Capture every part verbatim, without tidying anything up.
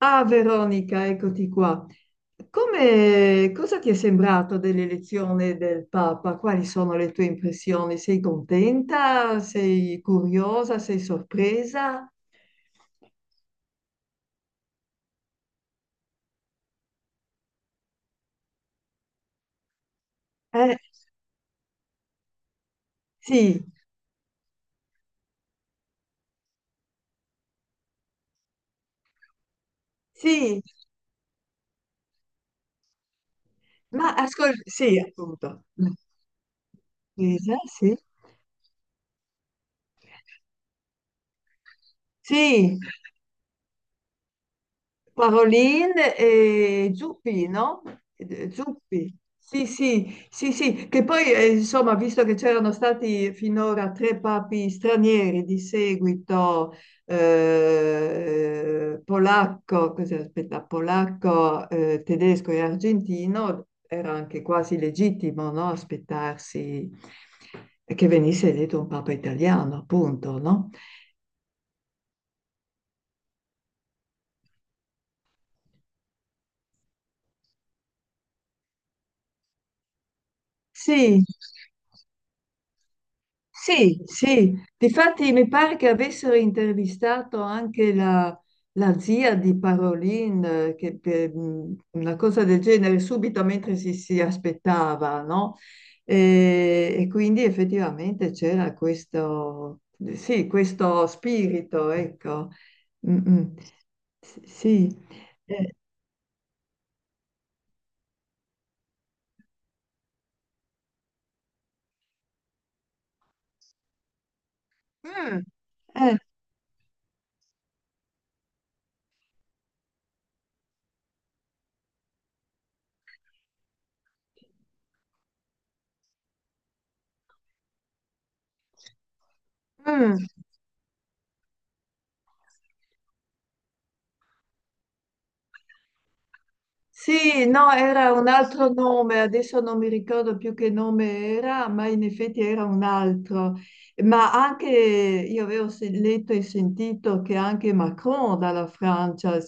Ah, Veronica, eccoti qua. Come, cosa ti è sembrato dell'elezione del Papa? Quali sono le tue impressioni? Sei contenta? Sei curiosa? Sei sorpresa? Eh, sì, sì, ma ascolta, sì, appunto. Sorpresa, sì. Sì, Paroline e Zuppi, no? Eh, Zuppi. Sì, sì, sì, sì, che poi eh, insomma, visto che c'erano stati finora tre papi stranieri di seguito, eh, polacco, cos'è, aspetta, polacco, eh, tedesco e argentino, era anche quasi legittimo, no? Aspettarsi che venisse eletto un papa italiano, appunto, no? Sì, Sì, sì, difatti mi pare che avessero intervistato anche la, la zia di Parolin, eh, che per- mh, una cosa del genere, subito mentre si, si aspettava, no? E, e quindi effettivamente c'era questo, sì, questo spirito, ecco. Mm, mm. Sì. Eh, Mm, eh, mm. Sì, no, era un altro nome, adesso non mi ricordo più che nome era, ma in effetti era un altro. Ma anche io avevo se- letto e sentito che anche Macron dalla Francia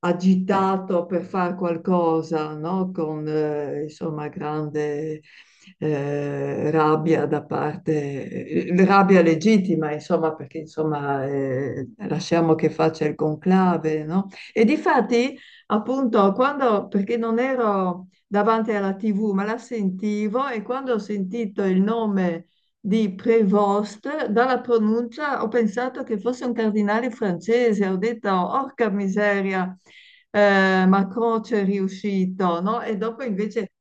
agitato per fare qualcosa, no? Con eh, insomma grande eh, rabbia da parte, eh, rabbia legittima, insomma, perché insomma eh, lasciamo che faccia il conclave, no? E difatti, appunto, quando, perché non ero davanti alla tivù, ma la sentivo e quando ho sentito il nome di Prévost, dalla pronuncia ho pensato che fosse un cardinale francese, ho detto, orca miseria, eh, Macron c'è riuscito, no? E dopo invece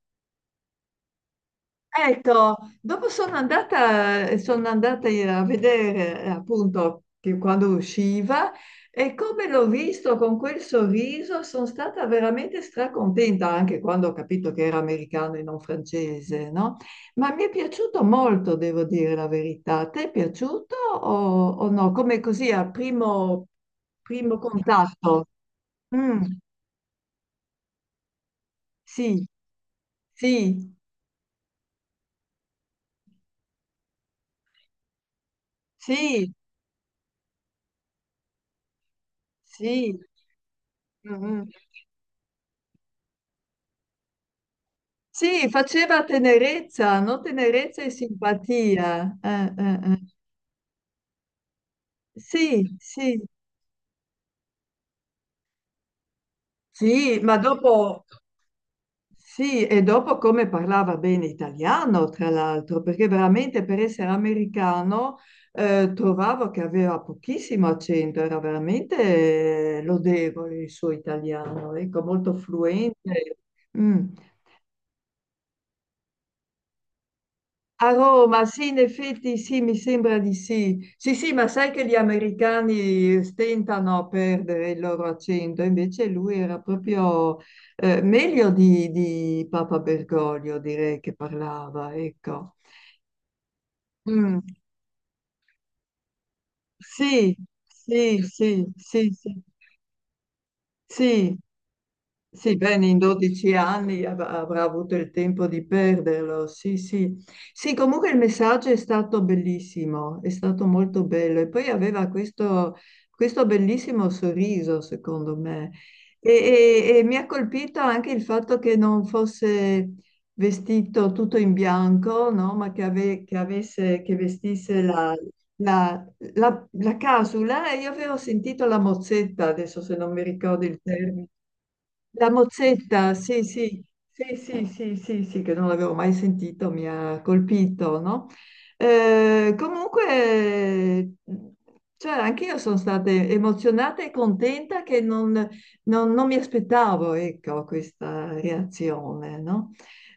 ecco, dopo sono andata, eh, sono andata a vedere eh, appunto che quando usciva e come l'ho visto con quel sorriso sono stata veramente stracontenta anche quando ho capito che era americano e non francese, no? Ma mi è piaciuto molto, devo dire la verità. Ti è piaciuto o, o no? Come così a primo, primo contatto? Mm, sì, sì, sì, sì. Mm, mm. Sì, faceva tenerezza, no? Tenerezza e simpatia. Eh, eh, eh. Sì, sì, sì, ma dopo, sì, e dopo come parlava bene italiano, tra l'altro, perché veramente per essere americano eh, trovavo che aveva pochissimo accento, era veramente eh, lodevole il suo italiano, ecco, molto fluente. Mm. A Roma, sì, in effetti sì, mi sembra di sì. Sì, sì, ma sai che gli americani stentano a perdere il loro accento, invece lui era proprio eh, meglio di, di Papa Bergoglio, direi che parlava, ecco. Mm, sì, sì, sì, sì, sì, sì, sì, bene, in 12 anni av- avrà avuto il tempo di perderlo, sì, sì. Sì, comunque il messaggio è stato bellissimo, è stato molto bello e poi aveva questo, questo bellissimo sorriso, secondo me. E, e- e mi ha colpito anche il fatto che non fosse vestito tutto in bianco, no? Ma che, ave- che avesse, che vestisse la, la, la, la casula e io avevo sentito la mozzetta, adesso se non mi ricordo il termine, la mozzetta, sì, sì, sì, sì, sì, sì, sì, che non l'avevo mai sentito, mi ha colpito, no? Eh, comunque, cioè, anche io sono stata emozionata e contenta che non, non- non mi aspettavo, ecco, questa reazione, no?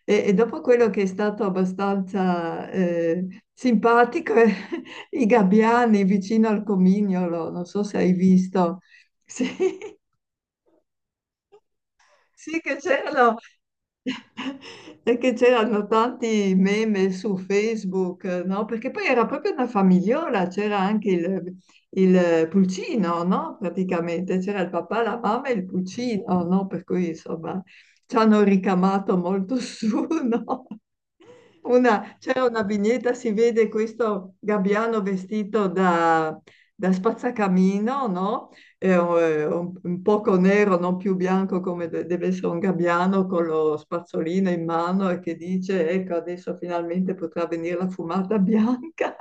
E, e dopo quello che è stato abbastanza eh, simpatico, i gabbiani vicino al comignolo, non so se hai visto, sì. Sì, che c'erano. Perché c'erano tanti meme su Facebook, no? Perché poi era proprio una famigliola, c'era anche il, il pulcino, no? Praticamente c'era il papà, la mamma e il pulcino, no? Per cui insomma ci hanno ricamato molto su, no? Una- c'è una vignetta, si vede questo gabbiano vestito da, da spazzacamino, no? È un, è un- un poco nero, non più bianco come de- deve essere un gabbiano, con lo spazzolino in mano e che dice, ecco, adesso finalmente potrà venire la fumata bianca.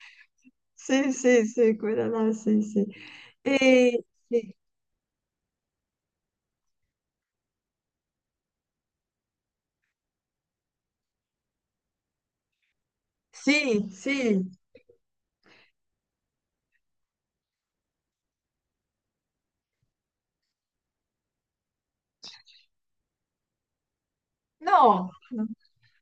Sì, sì, sì, quella là, sì, sì. E, sì, sì, sì. No, no.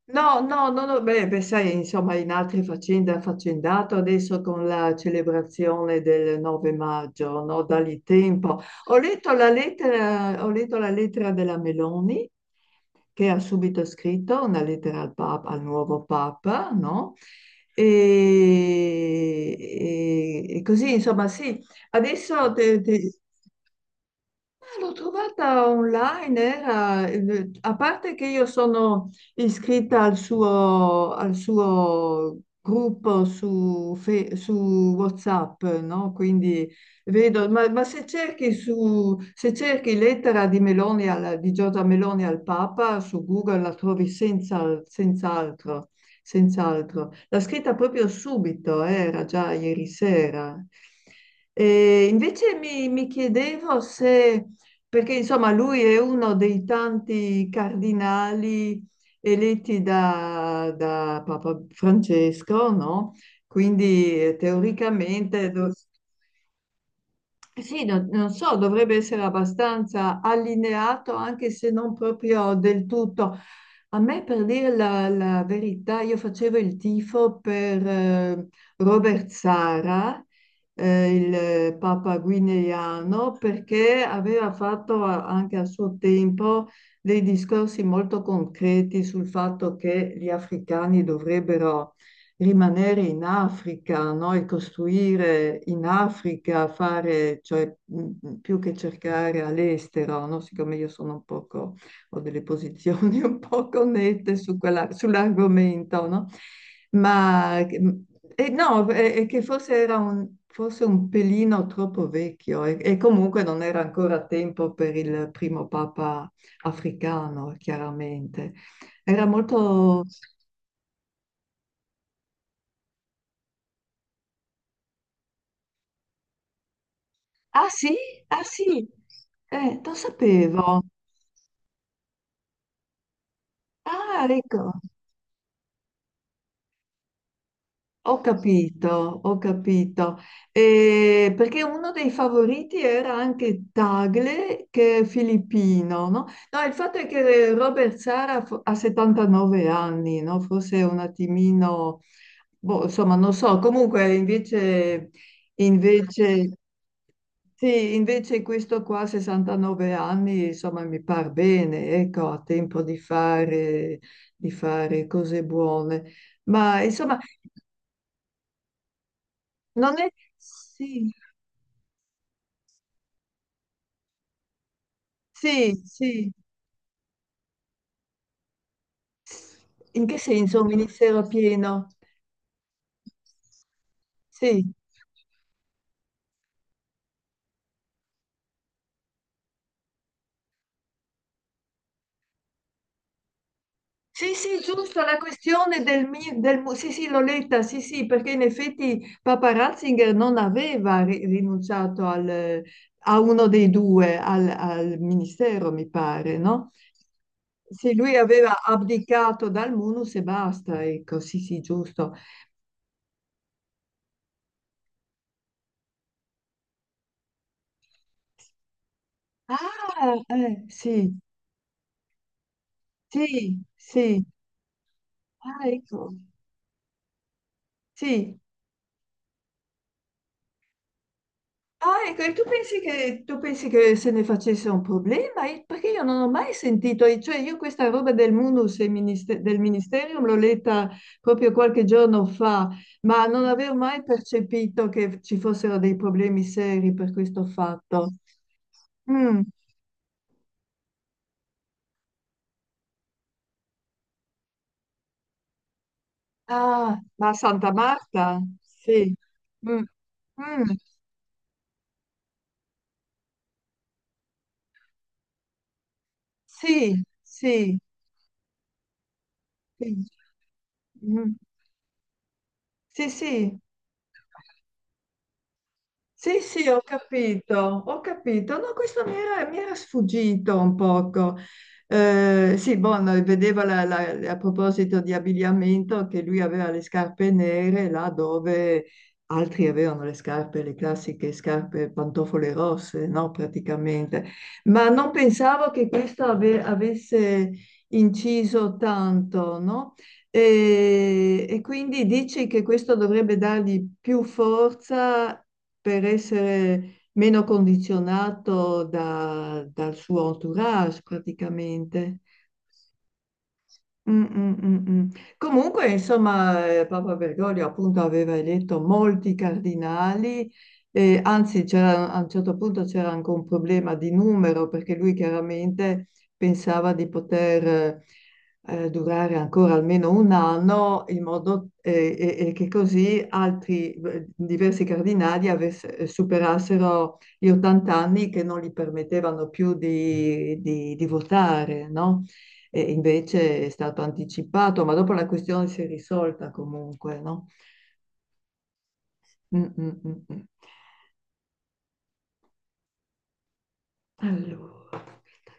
No, no, no, no, beh, beh, sai, insomma, in altre faccende ha affaccendato adesso con la celebrazione del 9 maggio, no? Dagli tempo. Ho letto la lettera, ho letto la lettera della Meloni che ha subito scritto, una lettera al Papa, al nuovo Papa, no? E, e- e così, insomma, sì, adesso te- te- eh, L'ho trovata online, era- eh, a parte che io sono iscritta al suo, al suo gruppo su, Fe- su WhatsApp, no? Quindi vedo, ma, ma se cerchi, su, se cerchi lettera di Meloni al- di Giorgia Meloni al Papa su Google la trovi senza, senz'altro, senz'altro. L'ha scritta proprio subito, eh, era già ieri sera. E invece mi mi chiedevo se perché insomma lui è uno dei tanti cardinali eletti da, da Papa Francesco, no? Quindi eh, teoricamente dov- sì, non, non so, dovrebbe essere abbastanza allineato, anche se non proprio del tutto. A me, per dire la, la verità, io facevo il tifo per eh, Robert Sara, eh, il Papa guineano, perché aveva fatto a- anche a suo tempo dei discorsi molto concreti sul fatto che gli africani dovrebbero rimanere in Africa, no? E costruire in Africa, fare, cioè mh, più che cercare all'estero, no? Siccome io sono un poco, ho delle posizioni un poco nette su quella- sull'argomento, no? Ma eh, no, è, è che forse era un, forse un pelino troppo vecchio e, e comunque non era ancora tempo per il primo papa africano, chiaramente. Era molto... Ah sì? Ah sì? Eh, lo sapevo. Ah, ecco, ho capito, ho capito. Eh, perché uno dei favoriti era anche Tagle, che è filippino, no? No, il fatto è che Robert Sara fo- ha 79 anni, no? Forse un attimino, boh, insomma, non so. Comunque, invece, invece sì, invece questo qua, 69 anni, insomma, mi par bene, ecco, ha tempo di fare di fare cose buone. Ma insomma, non è... Sì, sì, sì. In che senso un ministero pieno? Sì. Sì, sì, giusto, la questione del, mi- del mu- sì, sì, l'ho letta, sì, sì, perché in effetti Papa Ratzinger non aveva ri- rinunciato al, eh, a uno dei due, al, al ministero, mi pare, no? Sì, lui aveva abdicato dal munus e basta, ecco, sì, sì, giusto. Ah, eh, sì, sì, sì, ah, ecco, sì. Ah, ecco, e tu pensi che, tu pensi che se ne facesse un problema? E- Perché io non ho mai sentito, e cioè io questa roba del munus e ministe- del ministerium l'ho letta proprio qualche giorno fa, ma non avevo mai percepito che ci fossero dei problemi seri per questo fatto. Mm. Ah, ma Santa Marta? Sì. Mm. Mm. Sì, sì, sì. Mm. Sì, sì. Sì, sì, ho capito, ho capito. No, questo mi era, mi era sfuggito un poco. Eh, sì, Bono, vedeva la- la- a proposito di abbigliamento che lui aveva le scarpe nere là dove altri avevano le scarpe, le classiche scarpe pantofole rosse, no, praticamente. Ma non pensavo che questo ave- avesse inciso tanto, no? E, e quindi dici che questo dovrebbe dargli più forza per essere meno condizionato da- dal suo entourage praticamente. Mm, mm, mm, mm. Comunque, insomma, eh, Papa Bergoglio appunto aveva eletto molti cardinali, eh, anzi c'era- a un certo punto c'era anche un problema di numero perché lui chiaramente pensava di poter eh, durare ancora almeno un anno in modo eh, e, e che così altri eh, diversi cardinali avesse- eh, superassero gli 80 anni che non gli permettevano più di, di- di votare, no? E invece è stato anticipato, ma dopo la questione si è risolta comunque, no? Mm, mm, mm, mm. Allora, aspetta.